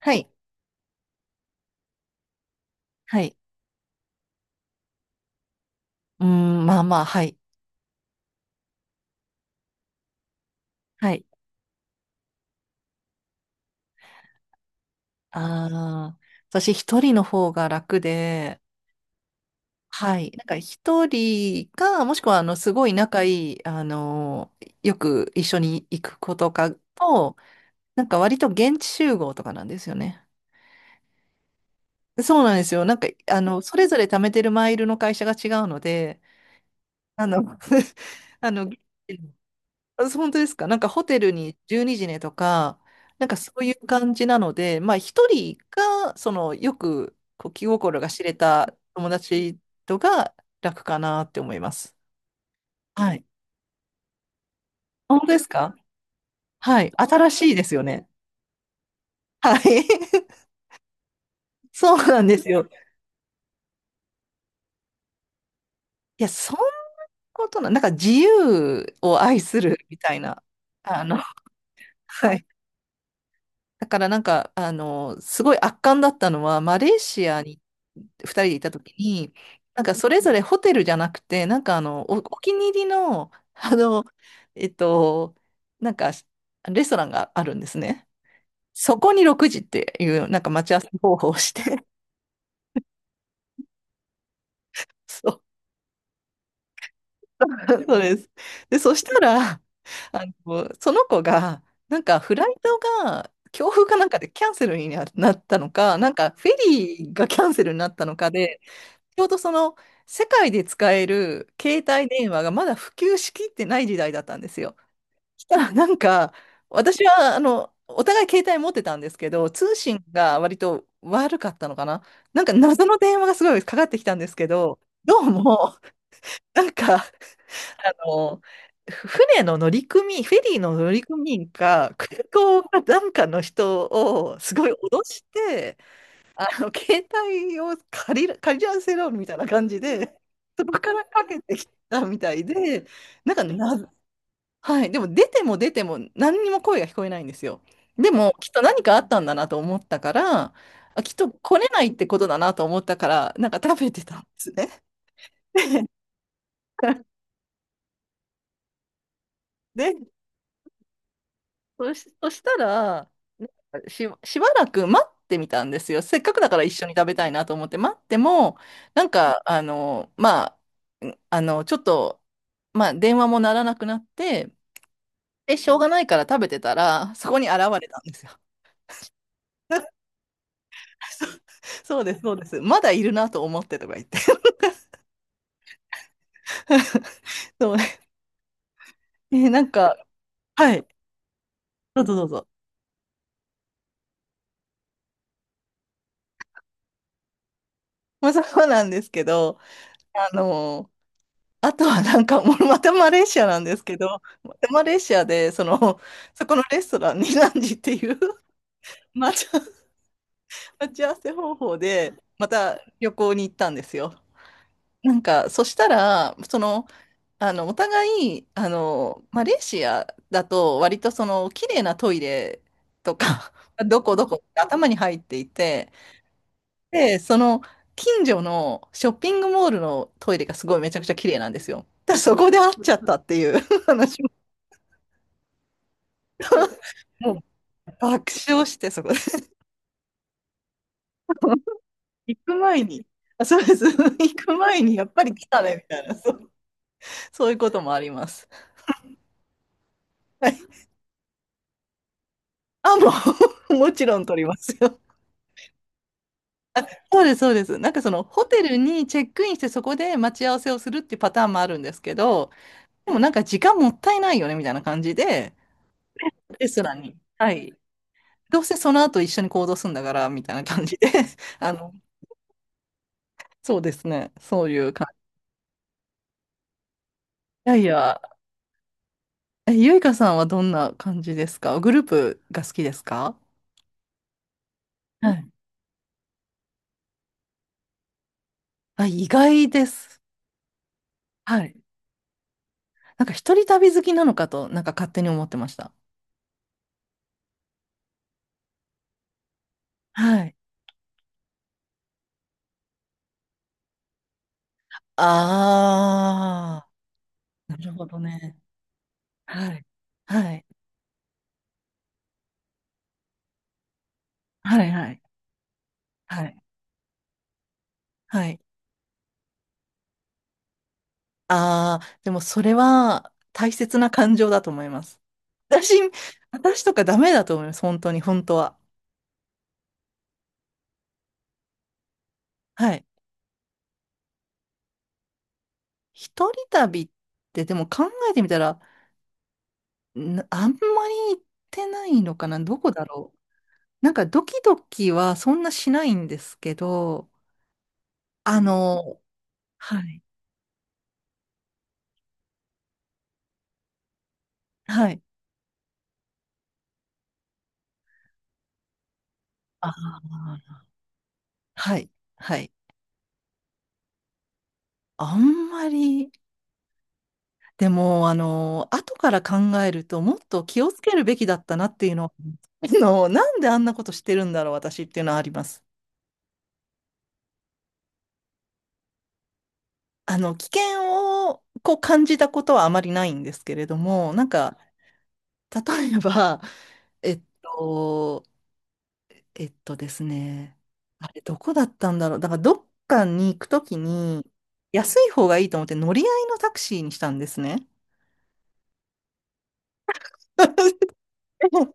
はい。はい。まあまあ、はい。はい。ああ、私一人の方が楽で、はい。なんか一人か、もしくは、すごい仲いい、よく一緒に行く子とかと、なんか割と現地集合とかなんですよね。そうなんですよ。それぞれ貯めてるマイルの会社が違うので、あの、あの、あ、本当ですか？なんかホテルに12時ねとか、なんかそういう感じなので、まあ一人が、そのよくこう気心が知れた友達とが楽かなって思います。はい。本当ですか？はい。新しいですよね。はい。そうなんですよ。いや、そんなことな、なんか自由を愛するみたいな、あの、はい。だからすごい圧巻だったのは、マレーシアに2人でいた時に、それぞれホテルじゃなくて、お、お気に入りの、えっと、なんかレストランがあるんですね。そこに6時っていう、なんか待ち合わせ方法をして、そう、そうです。で、そしたら、その子が、なんかフライトが、強風かなんかでキャンセルにななったのか、なんかフェリーがキャンセルになったのかで、ちょうどその世界で使える携帯電話がまだ普及しきってない時代だったんですよ。したらなんか私はあのお互い携帯持ってたんですけど、通信が割と悪かったのかな。なんか謎の電話がすごいかかってきたんですけど、どうもなんかあの船のフェリーの乗組員か空港かなんかの人をすごい脅して、あの携帯を借りらせろみたいな感じで、そこからかけてきたみたいで、なんかな、はい、でも出ても出ても何にも声が聞こえないんですよ。でもきっと何かあったんだなと思ったから、あ、きっと来れないってことだなと思ったから、なんか食べてたんですね。で、そしたら、なしばらく待ってみたんですよ。せっかくだから一緒に食べたいなと思って待っても、なんか、あの、まあ、んあの、ちょっと、まあ、電話も鳴らなくなって、で、しょうがないから食べてたら、そこに現れたんですよ。そうです、そうです。まだいるなと思ってとか言って。そう。え、なんか、はい。どうぞどうぞ。まあ、そうなんですけど、あの、あとはもうまたマレーシアなんですけど、またマレーシアで、その、そこのレストランにランジっていう 待ち合わ待ち合わせ方法で、また旅行に行ったんですよ。そしたら、お互い、マレーシアだと、割とその、綺麗なトイレとか、どこどこって頭に入っていて、で、その、近所のショッピングモールのトイレがすごいめちゃくちゃ綺麗なんですよ。だからそこで会っちゃったっていう 話。もう爆笑して、そこで。行く前に、あ、そうです。行く前にやっぱり来たね、みたいな。そう、そういうこともあります。はい、あ、もう、もちろん取りますよ。あ、そうです、そうです。なんかそのホテルにチェックインしてそこで待ち合わせをするっていうパターンもあるんですけど、でもなんか時間もったいないよねみたいな感じで、レストランに、はい、どうせその後一緒に行動するんだからみたいな感じで、あの、そうですね、そういう感じ。いやいや、え、ゆいかさんはどんな感じですか？グループが好きですか？はい。あ、意外です。はい。なんか一人旅好きなのかと、なんか勝手に思ってました。はい。あー、なるほど。どね。はい。はい。はい、はい。はい。はい。あー、でもそれは大切な感情だと思います。私、私とかダメだと思います。本当に、本当は。はい。一人旅って、でも考えてみたら、なあんまり行ってないのかな、どこだろう。なんかドキドキはそんなしないんですけど、あの、はい、はい、あーはい、はい。あんまり、でも、後から考えると、もっと気をつけるべきだったなっていうのは、なんであんなことしてるんだろう、私っていうのはあります。危険をこう感じたことはあまりないんですけれども、なんか、例えば、えっと、えっとですね、あれどこだったんだろう。だからどっかに行くときに安い方がいいと思って乗り合いのタクシーにしたんですね。でも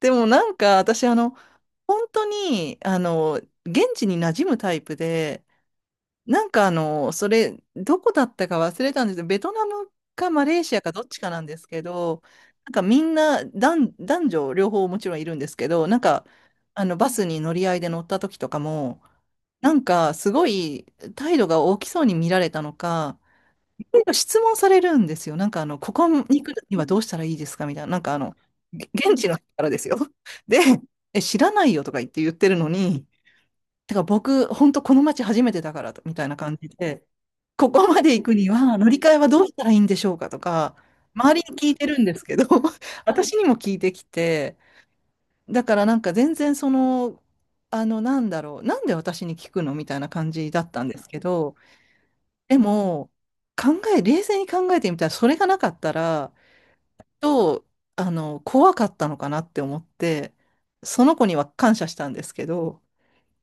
でもなんか私、本当に、現地に馴染むタイプで、それどこだったか忘れたんですけど、ベトナムかマレーシアかどっちかなんですけど、なんかみんな男女両方もちろんいるんですけど、なんかあのバスに乗り合いで乗った時とかも、すごい態度が大きそうに見られたのか、いろいろ質問されるんですよ。ここに行くにはどうしたらいいですかみたいな。げ現地の人からですよ。で、え、知らないよとか言ってるのに、てか僕、本当この街初めてだからと、みたいな感じで、ここまで行くには乗り換えはどうしたらいいんでしょうかとか、周りに聞いてるんですけど、私にも聞いてきて、だから全然その、なんで私に聞くのみたいな感じだったんですけど、でも、冷静に考えてみたら、それがなかったら、と、あの、怖かったのかなって思って、その子には感謝したんですけど、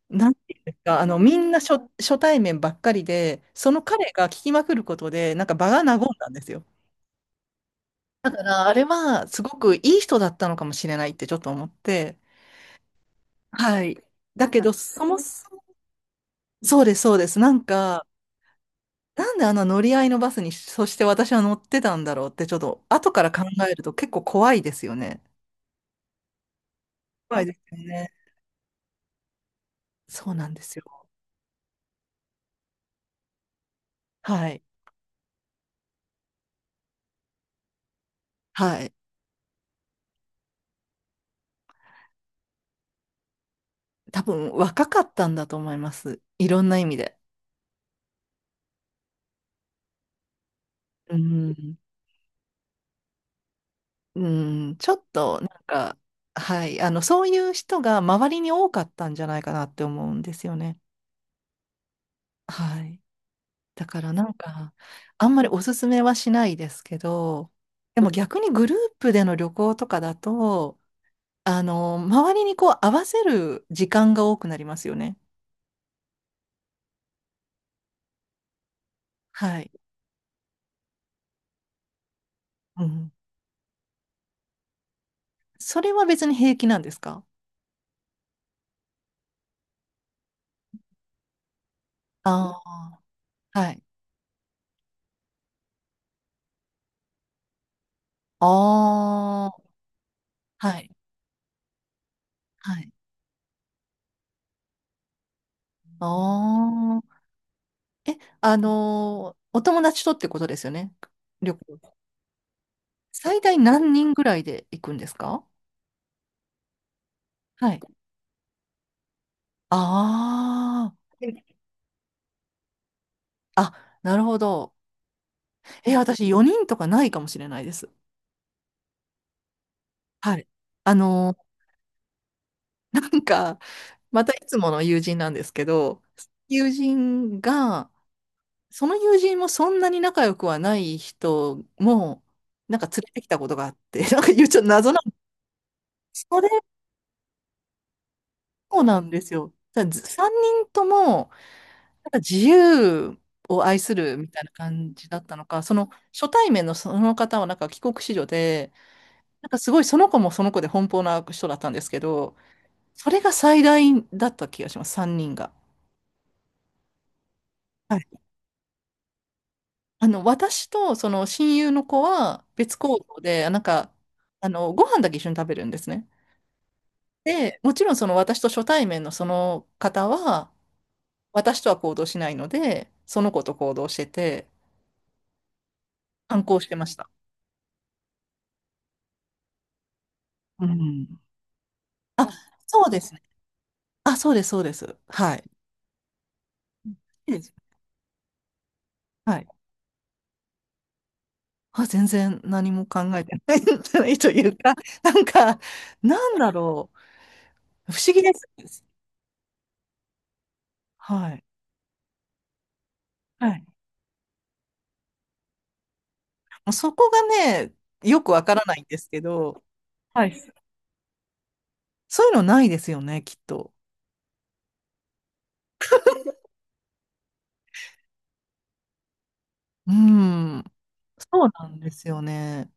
なんていうんですか、みんな初対面ばっかりで、その彼が聞きまくることで、なんか場が和んだんですよ。だから、あれは、すごくいい人だったのかもしれないってちょっと思って、はい。だけど、そうです、そうです。なんか、なんであの乗り合いのバスにそして私は乗ってたんだろうって、ちょっと後から考えると結構怖いですよね。怖いですよね。そうなんですよ。はい。はい。多分若かったんだと思います。いろんな意味で。うん。うん。ちょっと、なんか、はい。そういう人が周りに多かったんじゃないかなって思うんですよね。はい。だからなんか、あんまりおすすめはしないですけど、でも逆にグループでの旅行とかだと、周りにこう合わせる時間が多くなりますよね。はい。うん。それは別に平気なんですか？ああー、はい。ああ、はい。はい。ああ。え、あのー、お友達とってことですよね。旅行。最大何人ぐらいで行くんですか？はい。ああ。あ、なるほど。え、私4人とかないかもしれないです。はい。あの、なんか、またいつもの友人なんですけど、友人が、その友人もそんなに仲良くはない人も、なんか連れてきたことがあって、なんか言うちょっと謎なんです。それもなんですよ。だからず3人とも、なんか自由を愛するみたいな感じだったのか、その初対面のその方はなんか帰国子女で、なんかすごいその子もその子で奔放な人だったんですけど、それが最大だった気がします、3人が。はい。私とその親友の子は別行動で、ご飯だけ一緒に食べるんですね。で、もちろんその私と初対面のその方は、私とは行動しないので、その子と行動してて、反抗してました。うん。あ、そうですね。あ、そうです、そうです。はい。うん、いいです。はい。あ、全然何も考えてないんじゃないというか、なんか、なんだろ不思議です。はい。はい。もうそこがね、よくわからないんですけど、はい。そういうのないですよね、きっと。うん。そうなんですよね。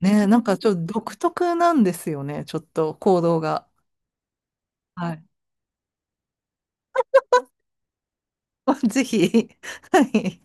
ね、なんかちょっと独特なんですよね、ちょっと行動が。はい。ぜひ、はい。